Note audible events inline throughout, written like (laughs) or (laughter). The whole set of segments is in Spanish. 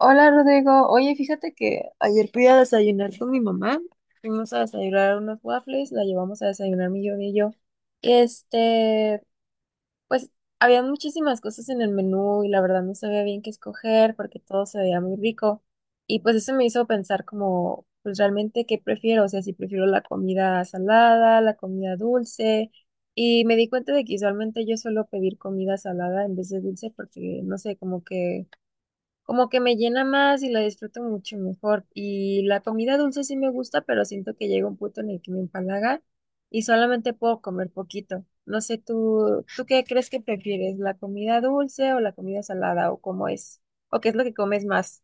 Hola Rodrigo, oye, fíjate que ayer fui a desayunar con mi mamá, fuimos a desayunar unos waffles, la llevamos a desayunar mi yo. Y pues había muchísimas cosas en el menú y la verdad no sabía bien qué escoger porque todo se veía muy rico. Y pues eso me hizo pensar como, pues realmente qué prefiero, o sea, si prefiero la comida salada, la comida dulce. Y me di cuenta de que usualmente yo suelo pedir comida salada en vez de dulce porque, no sé, como que me llena más y la disfruto mucho mejor. Y la comida dulce sí me gusta, pero siento que llega un punto en el que me empalaga y solamente puedo comer poquito. No sé, ¿Tú qué crees que prefieres? ¿La comida dulce o la comida salada? ¿O cómo es? ¿O qué es lo que comes más?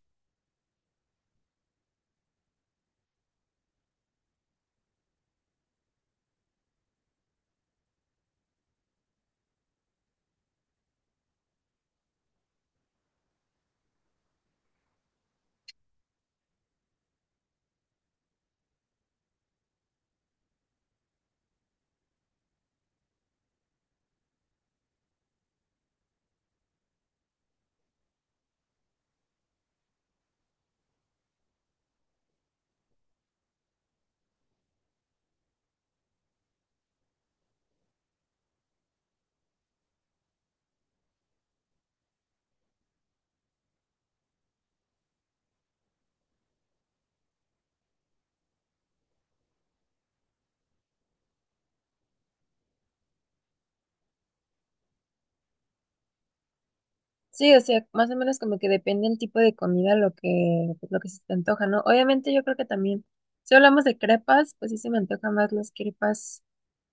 Sí, o sea, más o menos como que depende el tipo de comida lo que, pues, lo que se te antoja, ¿no? Obviamente yo creo que también, si hablamos de crepas, pues sí se me antojan más las crepas,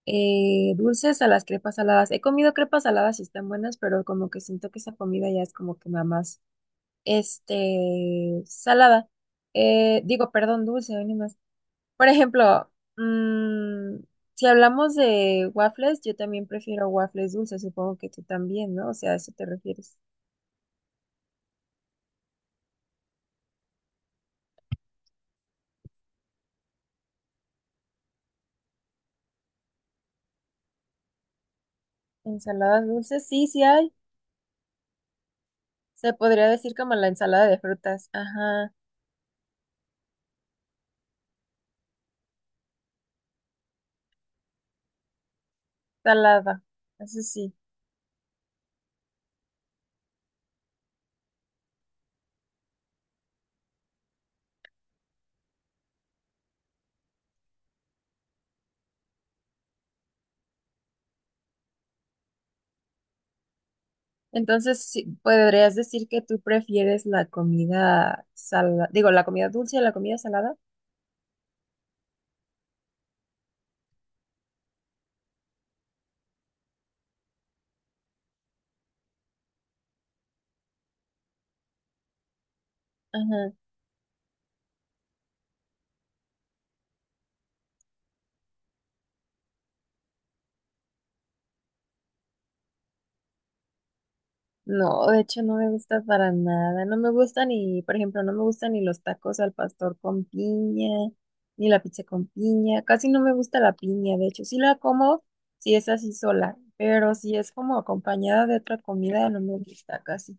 eh, dulces a las crepas saladas. He comido crepas saladas y están buenas, pero como que siento que esa comida ya es como que nada más, este, salada. Digo, perdón, dulce, hoy ni más. Por ejemplo, mm, si hablamos de waffles, yo también prefiero waffles dulces, supongo que tú también, ¿no? O sea, a eso te refieres. Ensaladas dulces, sí, sí hay. Se podría decir como la ensalada de frutas. Ajá, salada. Eso sí. Entonces, sí, ¿podrías decir que tú prefieres la comida salada, digo, la comida dulce a la comida salada? Ajá. No, de hecho no me gusta para nada. No me gusta ni, por ejemplo, no me gustan ni los tacos al pastor con piña, ni la pizza con piña. Casi no me gusta la piña, de hecho. Sí la como si es así sola, pero si es como acompañada de otra comida, no me gusta casi.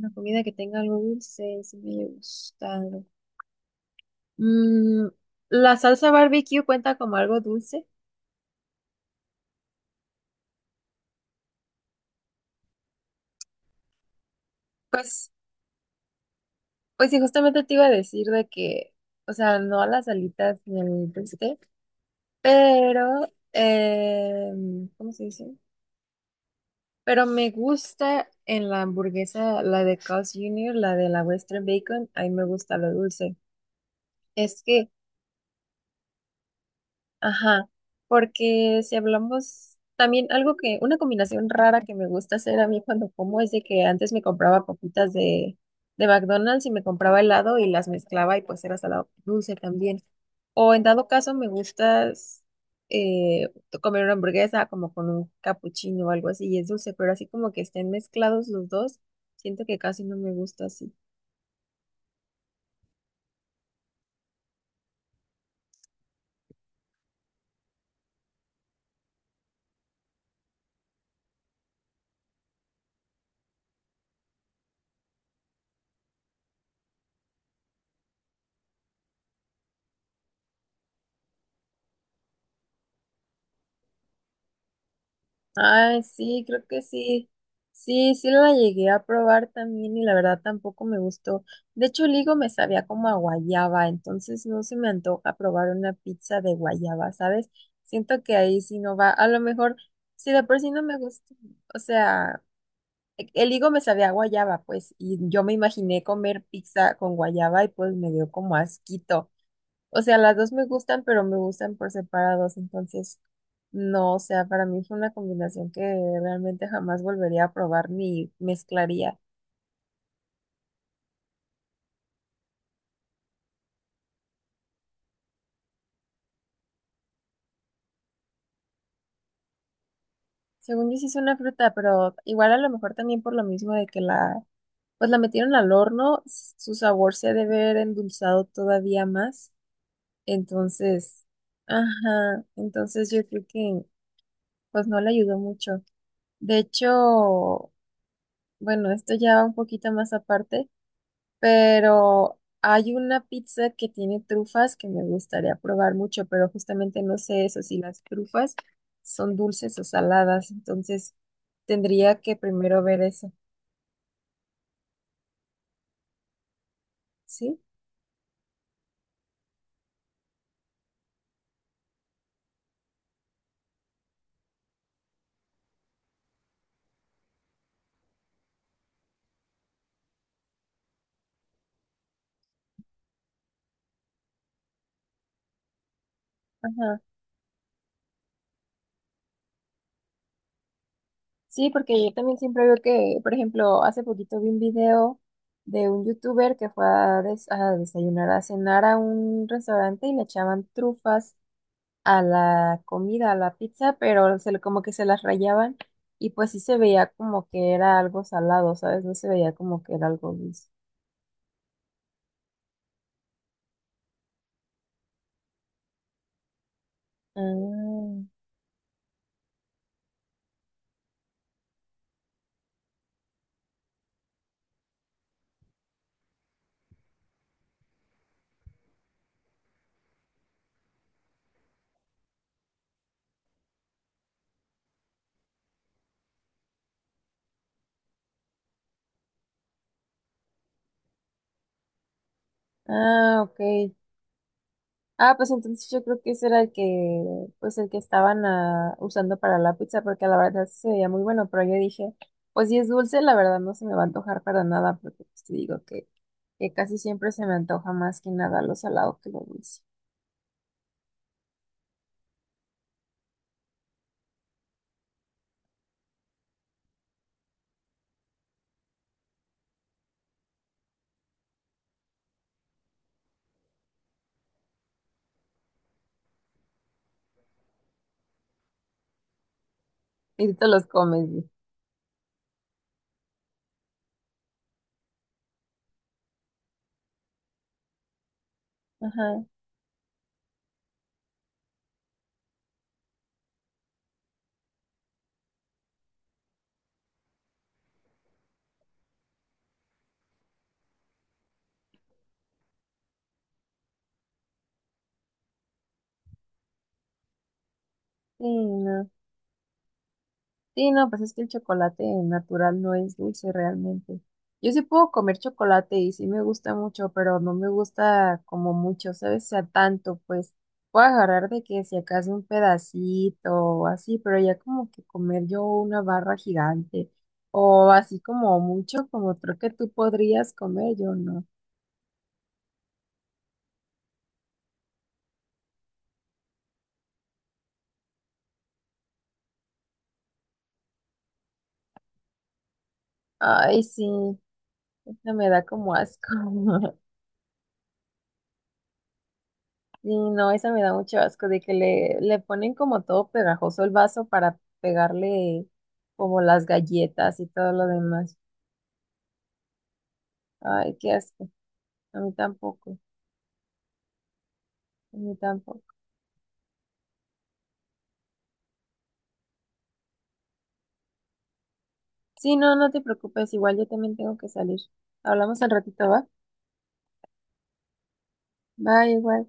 Una comida que tenga algo dulce, sí me gusta. Mm, ¿La salsa barbecue cuenta como algo dulce? Pues, pues sí, justamente te iba a decir de que, o sea, no a las alitas ni al brisket, pero, ¿cómo se dice? Pero me gusta en la hamburguesa, la de Carl's Junior, la de la Western Bacon, ahí me gusta lo dulce. Es que. Ajá, porque si hablamos también algo que, una combinación rara que me gusta hacer a mí cuando como es de que antes me compraba papitas de McDonald's y me compraba helado y las mezclaba y pues era salado dulce también. O en dado caso me gusta, eh, comer una hamburguesa como con un cappuccino o algo así y es dulce, pero así como que estén mezclados los dos, siento que casi no me gusta así. Ay, sí, creo que sí. Sí, sí la llegué a probar también y la verdad tampoco me gustó. De hecho, el higo me sabía como a guayaba, entonces no se me antoja probar una pizza de guayaba, ¿sabes? Siento que ahí sí no va. A lo mejor, si de por sí no me gusta, o sea, el higo me sabía a guayaba, pues, y yo me imaginé comer pizza con guayaba y pues me dio como asquito. O sea, las dos me gustan, pero me gustan por separados, entonces no, o sea, para mí fue una combinación que realmente jamás volvería a probar ni mezclaría. Según yo sí es una fruta, pero igual a lo mejor también por lo mismo de que la, pues la metieron al horno, su sabor se ha de ver endulzado todavía más. Entonces, ajá, entonces yo creo que pues no le ayudó mucho. De hecho, bueno, esto ya va un poquito más aparte. Pero hay una pizza que tiene trufas que me gustaría probar mucho, pero justamente no sé eso, si las trufas son dulces o saladas, entonces tendría que primero ver eso, ¿sí? Ajá. Sí, porque yo también siempre veo que, por ejemplo, hace poquito vi un video de un youtuber que fue a desayunar, a cenar a un restaurante y le echaban trufas a la comida, a la pizza, pero como que se las rayaban y pues sí se veía como que era algo salado, ¿sabes? No se veía como que era algo dulce. Ah, ah, ok. Ah, pues entonces yo creo que ese era el que, pues el que estaban, usando para la pizza, porque la verdad sí se veía muy bueno, pero yo dije, pues si es dulce, la verdad no se me va a antojar para nada, porque pues te digo que casi siempre se me antoja más que nada lo salado que lo dulce. Y tú te los comes, ¿sí? Ajá, sí, no. Sí, no, pues es que el chocolate natural no es dulce realmente. Yo sí puedo comer chocolate y sí me gusta mucho, pero no me gusta como mucho, ¿sabes? O sea, tanto, pues puedo agarrar de que si acaso un pedacito o así, pero ya como que comer yo una barra gigante o así como mucho, como creo que tú podrías comer, yo no. Ay, sí, eso me da como asco. (laughs) Sí, no, esa me da mucho asco de que le ponen como todo pegajoso el vaso para pegarle como las galletas y todo lo demás. Ay, qué asco. A mí tampoco, a mí tampoco. Sí, no, no te preocupes, igual yo también tengo que salir. Hablamos al ratito, ¿va? Va igual.